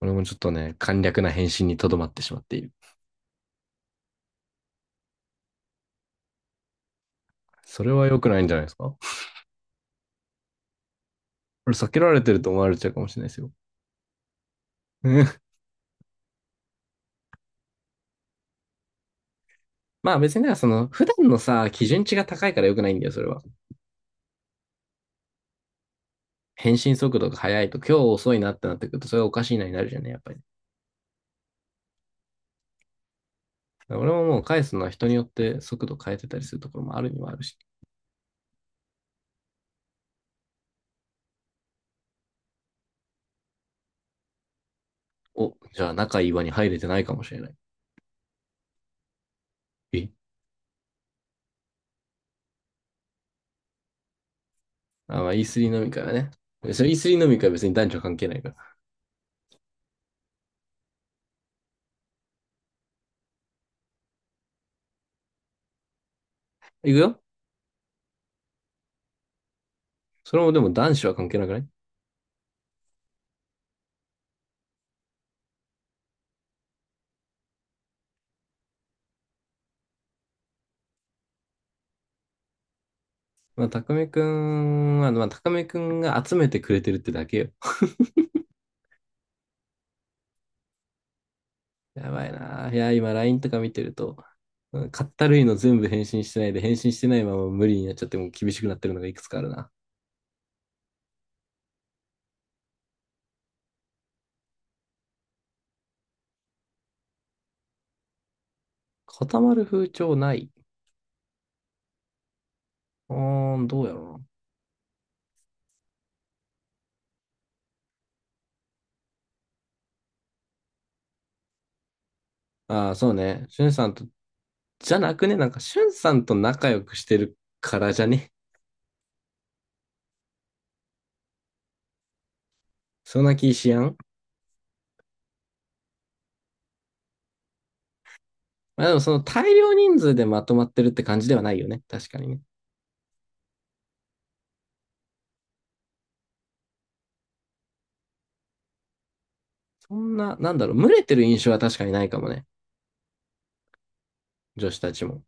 俺もちょっとね、簡略な返信にとどまってしまっている。それは良くないんじゃないですか。これ避けられてると思われちゃうかもしれないですよ。まあ別にね、普段のさ、基準値が高いから良くないんだよ、それは。返信速度が速いと、今日遅いなってなってくると、それはおかしいなになるじゃんね、やっぱり。俺ももう返すのは人によって速度変えてたりするところもあるにはあるし。お、じゃあ仲いい輪に入れてないかもしれない。えまあ E3 飲み会はね。それ E3 飲み会は別に男女関係ないから。行くよ。それもでも男子は関係なくない？まあ、たくみくんは、まあ、たくみくんが集めてくれてるってだけよ。やばいな。いや、今 LINE とか見てると、買った類の全部返信してないで、返信してないまま無理になっちゃってもう厳しくなってるのがいくつかあるな。固まる風潮ない。うーん、どうやろうな。ああ、そうね。しゅんさんと、じゃなくね、なんかしゅんさんと仲良くしてるからじゃね。そんな気しやん。まあでもその大量人数でまとまってるって感じではないよね。確かにね。そんな、なんだろう、群れてる印象は確かにないかもね。女子たちも。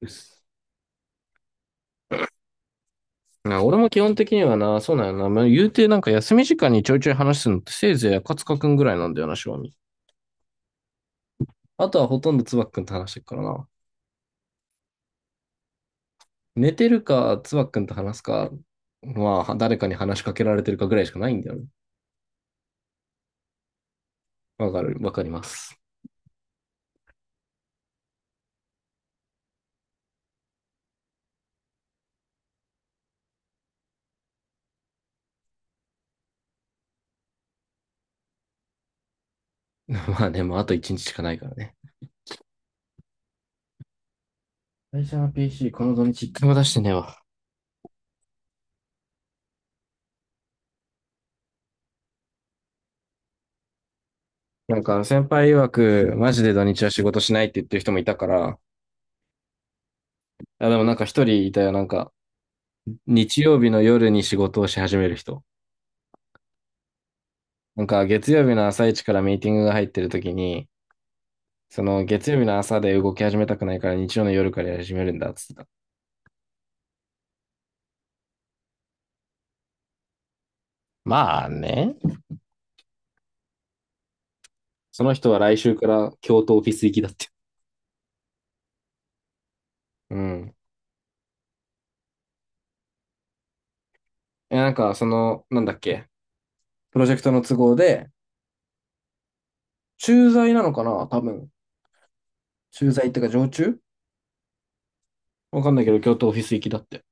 うっす。な俺も基本的にはな、そうなんよな。まあ、言うてなんか休み時間にちょいちょい話すのってせいぜい赤塚くんぐらいなんだよな、正味。あとはほとんどつばっくんと話してるからな。寝てるか、つばっくんと話すか、まあ、誰かに話しかけられてるかぐらいしかないんだよね。わかる、わかります。まあね、もうあと一日しかないからね。会社の PC、この土日一回も出してねえわ。なんか先輩曰く、マジで土日は仕事しないって言ってる人もいたから、あ、でもなんか一人いたよ、日曜日の夜に仕事をし始める人。なんか月曜日の朝一からミーティングが入ってる時に、その月曜日の朝で動き始めたくないから日曜の夜からやり始めるんだっつってた。まあね。その人は来週から京都オフィス行きだって。うん。え、なんかなんだっけ、プロジェクトの都合で、駐在なのかな多分。駐在ってか常駐、わかんないけど、京都オフィス行きだって。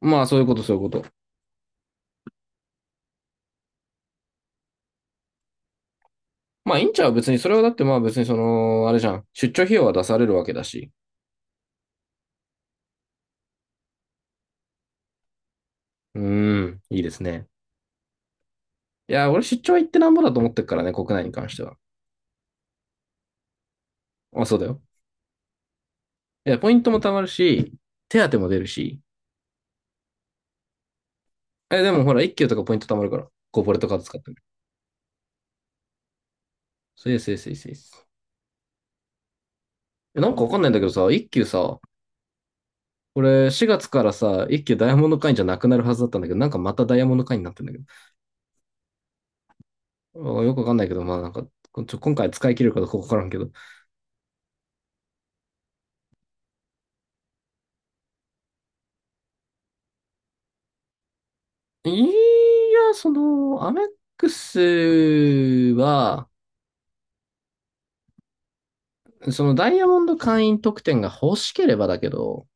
まあそういうこと、そういうこと。まあいいんちゃう別に、それはだってまあ別にあれじゃん。出張費用は出されるわけだし。うーん、いいですね。いや、俺出張行ってなんぼだと思ってるからね、国内に関しては。まあ、そうだよ。いや、ポイントも貯まるし、手当も出るし。え、でもほら、一級とかポイント貯まるから、コーポレートカード使ってる。そうです、そうです、そうです。え、なんかわかんないんだけどさ、一級さ、これ4月からさ、一級ダイヤモンド会員じゃなくなるはずだったんだけど、なんかまたダイヤモンド会員になってんだけど。あ、よくわかんないけど、まあなんか、こちょ、今回使い切れるかどうかわからんけど。いや、アメックスは、そのダイヤモンド会員特典が欲しければだけど、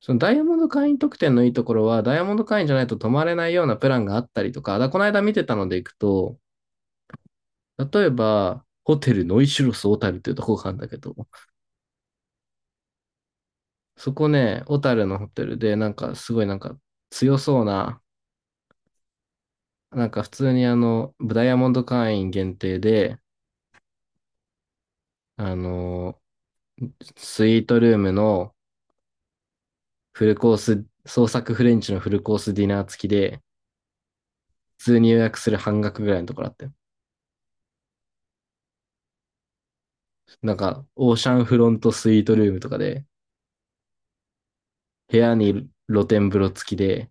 そのダイヤモンド会員特典のいいところは、ダイヤモンド会員じゃないと泊まれないようなプランがあったりとか、だからこの間見てたので行くと、例えば、ホテルノイシュロス小樽っていうとこがあるんだけど、そこね、小樽のホテルで、なんかすごいなんか強そうな、なんか普通にダイヤモンド会員限定で、あの、スイートルームのフルコース、創作フレンチのフルコースディナー付きで、普通に予約する半額ぐらいのところあって、オーシャンフロントスイートルームとかで、部屋に露天風呂付きで、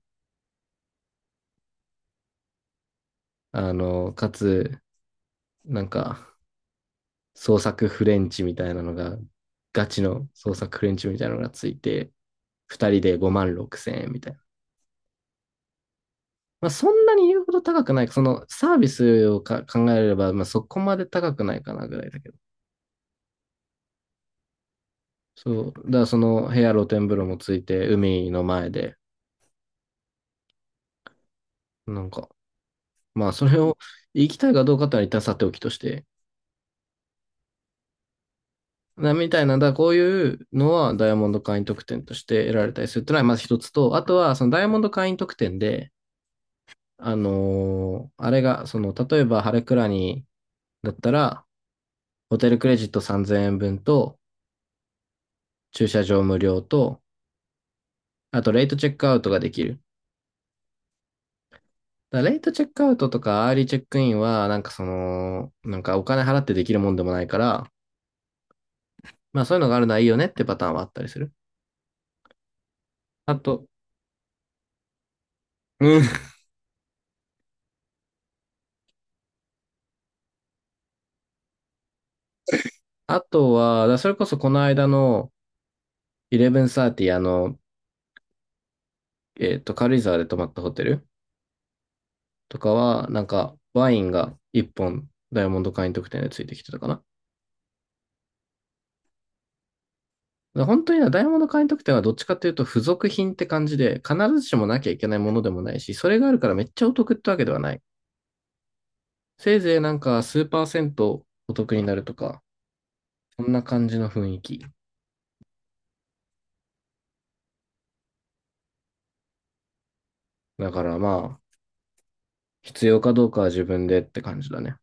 かつ、なんか、創作フレンチみたいなのが、ガチの創作フレンチみたいなのがついて、二人で5万6千円みたいな。まあ、そんなに言うほど高くない。そのサービスをか考えれば、まあ、そこまで高くないかなぐらいだけど。そう。だからその部屋露天風呂もついて、海の前で、なんか、それを行きたいかどうかってのは一旦さておきとして、なみたいな、だからこういうのはダイヤモンド会員特典として得られたりするっていうのはまず一つと、あとはそのダイヤモンド会員特典で、あれが、例えばハレクラニだったら、ホテルクレジット3000円分と、駐車場無料と、あとレイトチェックアウトができる。だレイトチェックアウトとかアーリーチェックインは、なんかお金払ってできるもんでもないから、まあそういうのがあるのはいいよねってパターンはあったりする。あと、うん、あとは、だそれこそこの間の、1130、軽井沢で泊まったホテルとかは、なんか、ワインが1本、ダイヤモンド会員特典でついてきてたかな。で本当にねダイヤモンド会員特典はどっちかというと、付属品って感じで、必ずしもなきゃいけないものでもないし、それがあるからめっちゃお得ってわけではない。せいぜいなんか、数パーセントお得になるとか、そんな感じの雰囲気。だからまあ、必要かどうかは自分でって感じだね。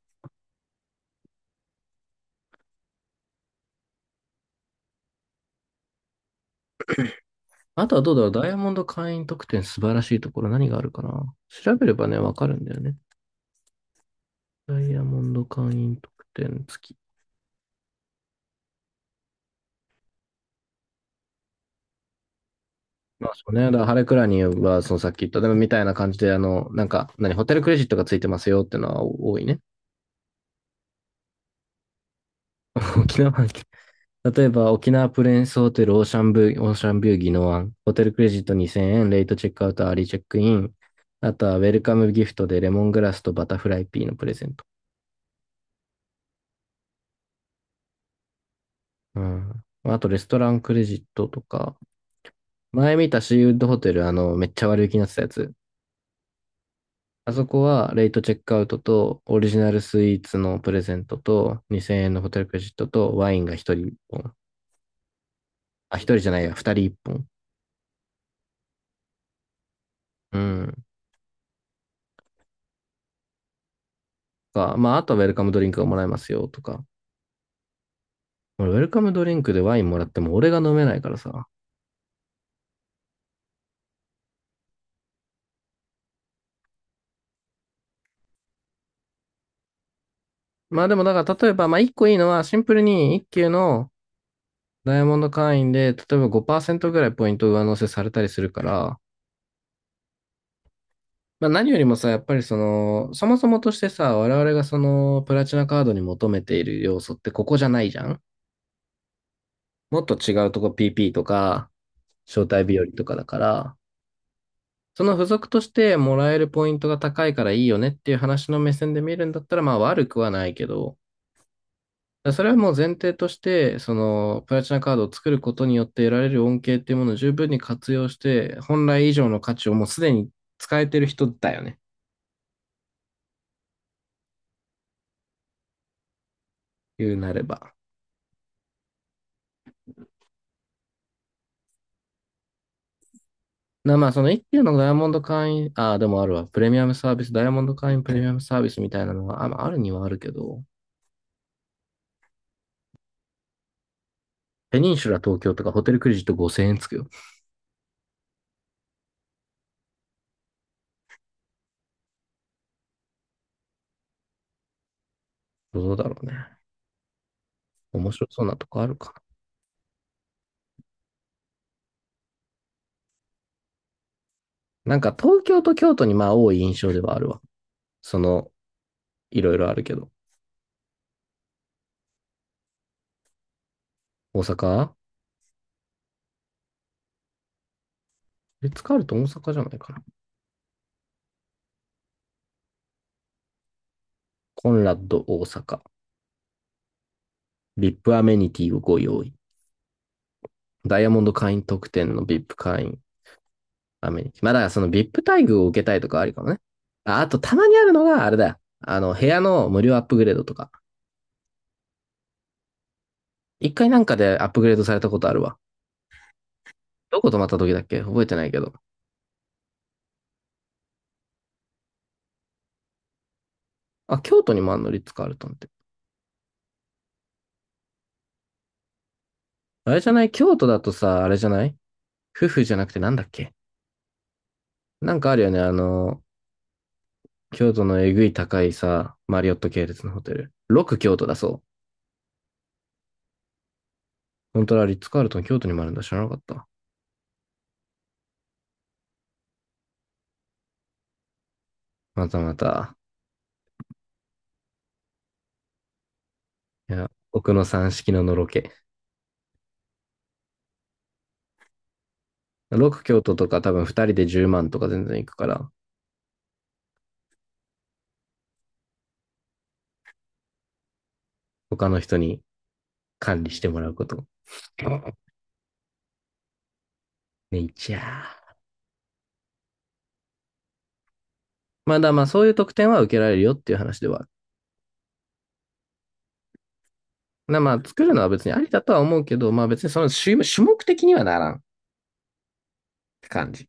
あとはどうだろう、ダイヤモンド会員特典素晴らしいところ何があるかな。調べればね、わかるんだよね。ダイヤモンド会員特典付き。まあそうね。だからハレクラニーは、そのさっき言った、でもみたいな感じで、ホテルクレジットがついてますよってのは多いね。沖縄、例えば沖縄プレンスホテルオーシャンビュー、オーシャンビュー宜野湾、ホテルクレジット2000円、レイトチェックアウト、アーリーチェックイン、あとはウェルカムギフトでレモングラスとバタフライピーのプレゼント。うん。あとレストランクレジットとか、前見たシーウッドホテル、めっちゃ割引になってたやつ。あそこはレイトチェックアウトとオリジナルスイーツのプレゼントと2000円のホテルクレジットとワインが1人1本。あ、1人じゃないや、2人1本。うん。まあ、あとはウェルカムドリンクがもらえますよとか。俺、ウェルカムドリンクでワインもらっても俺が飲めないからさ。まあでもだから例えば、まあ1個いいのはシンプルに1級のダイヤモンド会員で、例えば5%ぐらいポイント上乗せされたりするから、まあ、何よりもさ、やっぱりそもそもとしてさ、我々がプラチナカードに求めている要素ってここじゃないじゃん。もっと違うとこ PP とか、招待日和とかだから、その付属としてもらえるポイントが高いからいいよねっていう話の目線で見るんだったら、まあ悪くはないけど、だからそれはもう前提として、プラチナカードを作ることによって得られる恩恵っていうものを十分に活用して、本来以上の価値をもうすでに使えてる人だよね。言うなれば。な、まあ、その一級のダイヤモンド会員、ああ、でもあるわ。プレミアムサービス、ダイヤモンド会員プレミアムサービスみたいなのは、あ、まあ、あるにはあるけど、ペニンシュラ東京とかホテルクレジット5000円つくよ。どうだろうね。面白そうなとこあるかな。なんか東京と京都にまあ多い印象ではあるわ。その、いろいろあるけど。大阪リッツカールトン大阪じゃないかな。コンラッド大阪。VIP アイピーアメニティをご用意。ダイヤモンド会員特典の VIP 会員。アメニティ。まあだからその VIP 待遇を受けたいとかありかもね。あ、あとたまにあるのがあれだよ。部屋の無料アップグレードとか。一回なんかでアップグレードされたことあるわ。どこ泊まった時だっけ覚えてないけど。あ、京都にもあんのリッツカールトンって。あれじゃない京都だとさ、あれじゃない夫婦じゃなくてなんだっけなんかあるよね。京都のえぐい高いさ、マリオット系列のホテル。6京都だそう。本当はリッツカールトン京都にもあるんだ。知らなかった。またまた。いや、奥の三式ののろけ。6京都とか多分2人で10万とか全然いくから、他の人に管理してもらうこと。ね、いちゃー。まあだ、まあそういう特典は受けられるよっていう話ではある。なまあ作るのは別にありだとは思うけど、まあ別にその種種目的にはならんって感じ。